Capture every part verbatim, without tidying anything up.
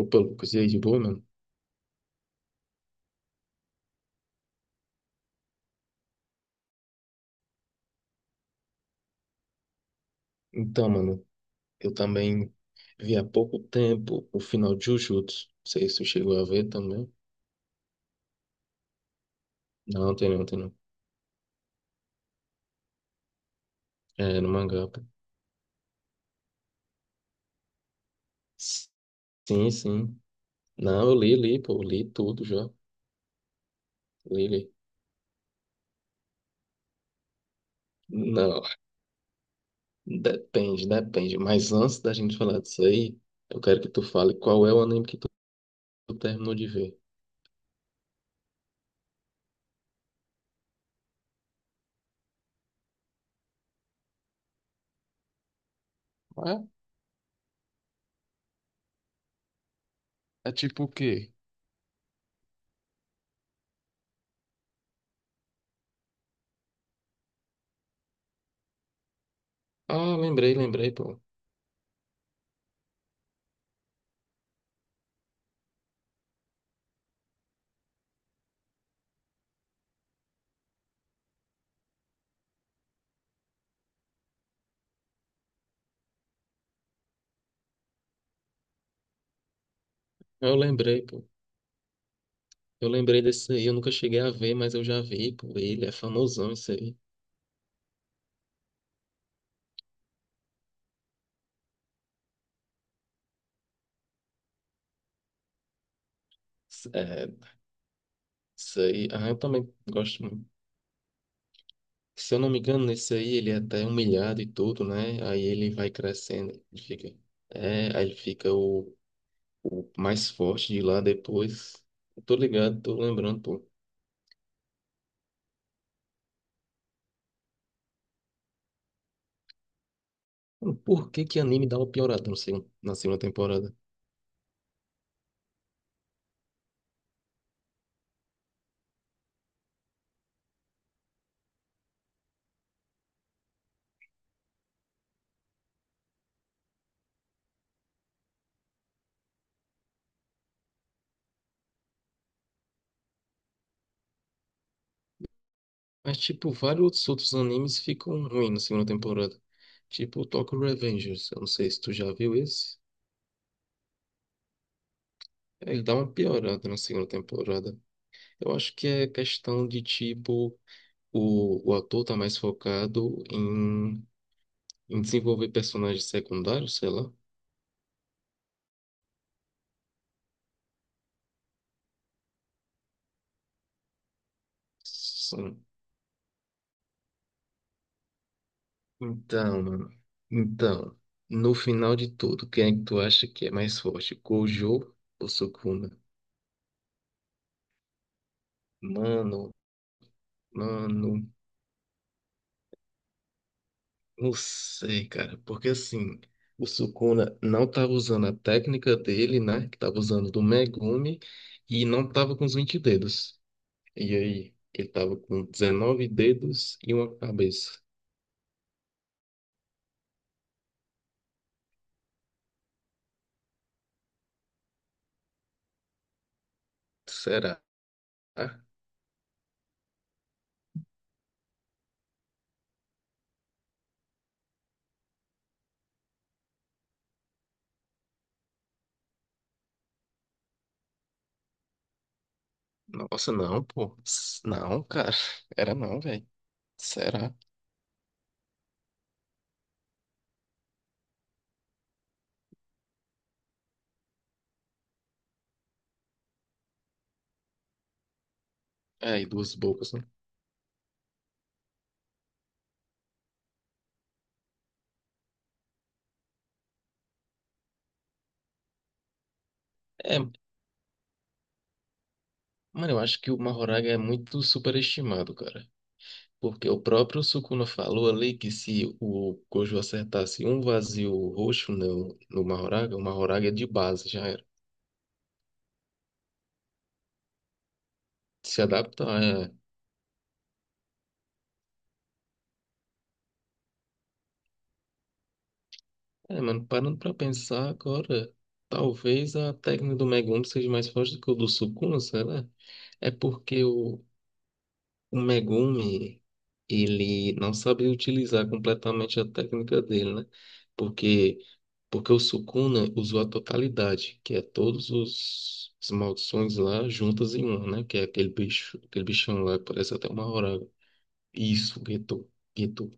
Opa, Lucas, e aí, de boa, mano? Então, mano, eu também vi há pouco tempo o final de Jujutsu. Não sei se tu chegou a ver também. Não, tem não, tem não. É, no mangá, pô. Sim, sim. Não, eu li, li, pô, li tudo já. Li, li. Não, depende, depende. Mas antes da gente falar disso aí, eu quero que tu fale qual é o anime que tu tu terminou de ver. É? É tipo o quê? Ah, lembrei, lembrei, pô. Eu lembrei, pô. Eu lembrei desse aí, eu nunca cheguei a ver, mas eu já vi por ele, é famosão isso aí. S- É, isso aí, ah, eu também gosto muito. Se eu não me engano, nesse aí ele é até humilhado e tudo, né? Aí ele vai crescendo, ele fica, é, aí ele fica o, o mais forte de lá depois. Eu tô ligado, tô lembrando, pô. Mano, por que que anime dá uma piorada no segundo, na segunda temporada? Mas, tipo, vários outros animes ficam ruins na segunda temporada. Tipo, o Tokyo Revengers, eu não sei se tu já viu esse. Ele dá uma piorada na segunda temporada. Eu acho que é questão de tipo, o, o ator tá mais focado em, em desenvolver personagens secundários, sei lá. Sim. Então, mano. Então, no final de tudo, quem é que tu acha que é mais forte? Gojo ou Sukuna? Mano, mano, não sei, cara. Porque assim, o Sukuna não tava usando a técnica dele, né? Que tava usando do Megumi e não tava com os vinte dedos. E aí, ele tava com dezenove dedos e uma cabeça. Será? Nossa, não, pô. S- Não, cara. Era não, velho. Será? É, e duas bocas, né? É, mano, eu acho que o Mahoraga é muito superestimado, cara. Porque o próprio Sukuna falou ali que se o Gojo acertasse um vazio roxo no, no Mahoraga, o Mahoraga de base já era. Se adapta. É, mano, parando pra pensar agora, talvez a técnica do Megumi seja mais forte do que o do Sukuna, será? É porque o, o Megumi, ele não sabe utilizar completamente a técnica dele, né? Porque, porque o Sukuna usou a totalidade, que é todos os, as maldições lá juntas em uma, né? Que é aquele bicho, aquele bichão lá que parece até uma horário. Isso, Geto, Geto.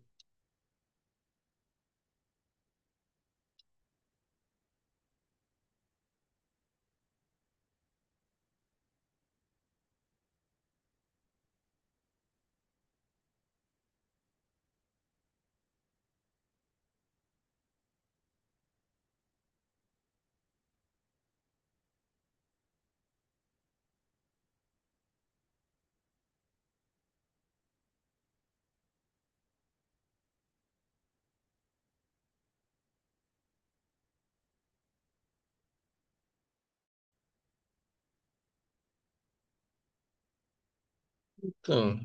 Então,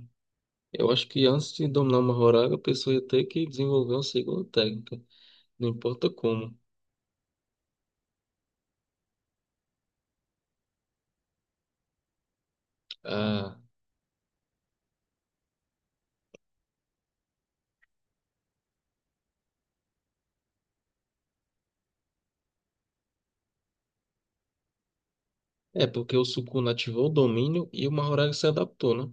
eu acho que antes de dominar uma horário, a pessoa ia ter que desenvolver uma segunda técnica, não importa como. Ah, é porque o Sukuna ativou o domínio e o Mahoraga se adaptou, né?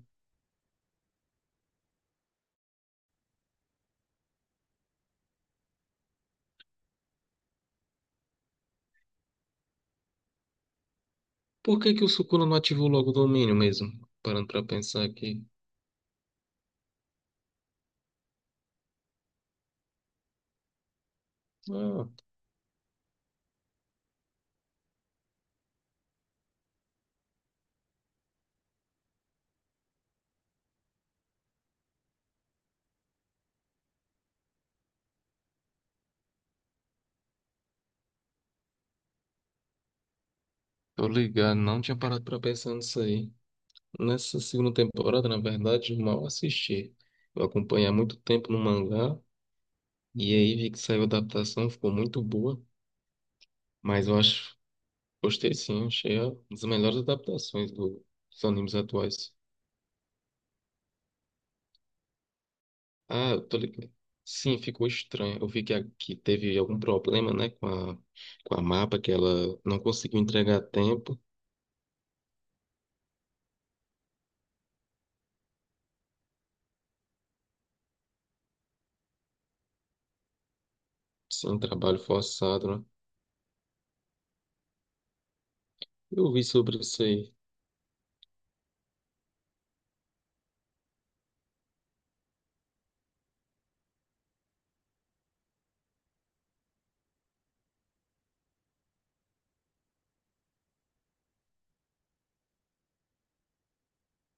Por que que o Sukuna não ativou logo o domínio mesmo? Parando pra pensar aqui. Ah, tô ligado, não tinha parado pra pensar nisso aí. Nessa segunda temporada, na verdade, eu mal assisti. Eu acompanhei há muito tempo no mangá, e aí vi que saiu a adaptação, ficou muito boa. Mas eu acho. Gostei sim, achei uma das melhores adaptações do- dos animes atuais. Ah, eu tô ligado. Sim, ficou estranho. Eu vi que, a- que teve algum problema, né, com a, com a mapa, que ela não conseguiu entregar a tempo, sem trabalho forçado, né? Eu vi sobre isso aí.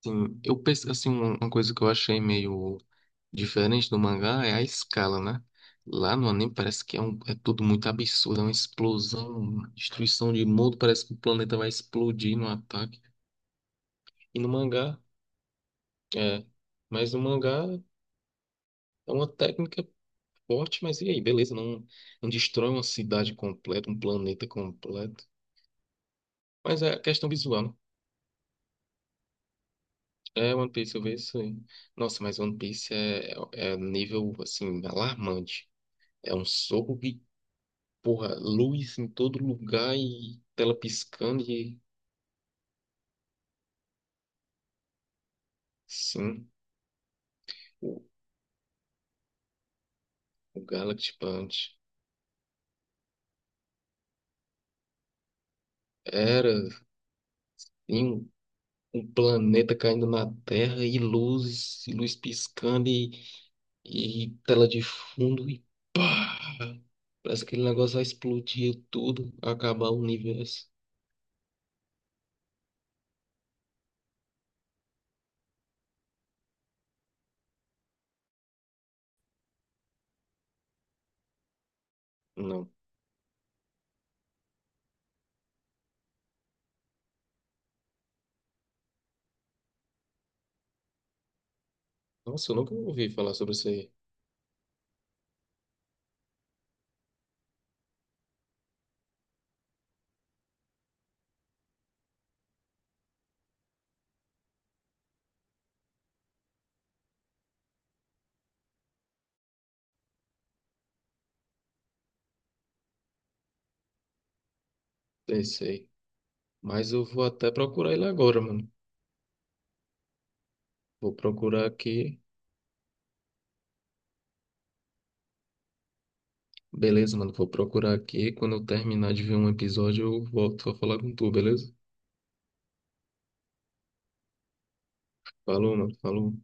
Sim, eu penso, assim, uma uma coisa que eu achei meio diferente do mangá é a escala, né? Lá no anime parece que é, um, é tudo muito absurdo, é uma explosão, uma destruição de mundo, parece que o planeta vai explodir no ataque. E no mangá, é, mas o mangá é uma técnica forte, mas e aí? Beleza, não, não destrói uma cidade completa, um planeta completo. Mas é questão visual, né? É, One Piece, eu vejo isso aí. Nossa, mas One Piece é, é, é nível, assim, alarmante. É um soco de, porra, luz em todo lugar e tela piscando e, sim, o, o Galaxy Punch. Era, em um, um planeta caindo na Terra e luz, e luz piscando e E tela de fundo e pá! Parece que aquele negócio vai explodir tudo, acabar o universo. Não. Nossa, eu nunca ouvi falar sobre isso aí. Esse aí. Mas eu vou até procurar ele agora, mano. Vou procurar aqui. Beleza, mano. Vou procurar aqui. Quando eu terminar de ver um episódio, eu volto pra falar com tu, beleza? Falou, mano. Falou.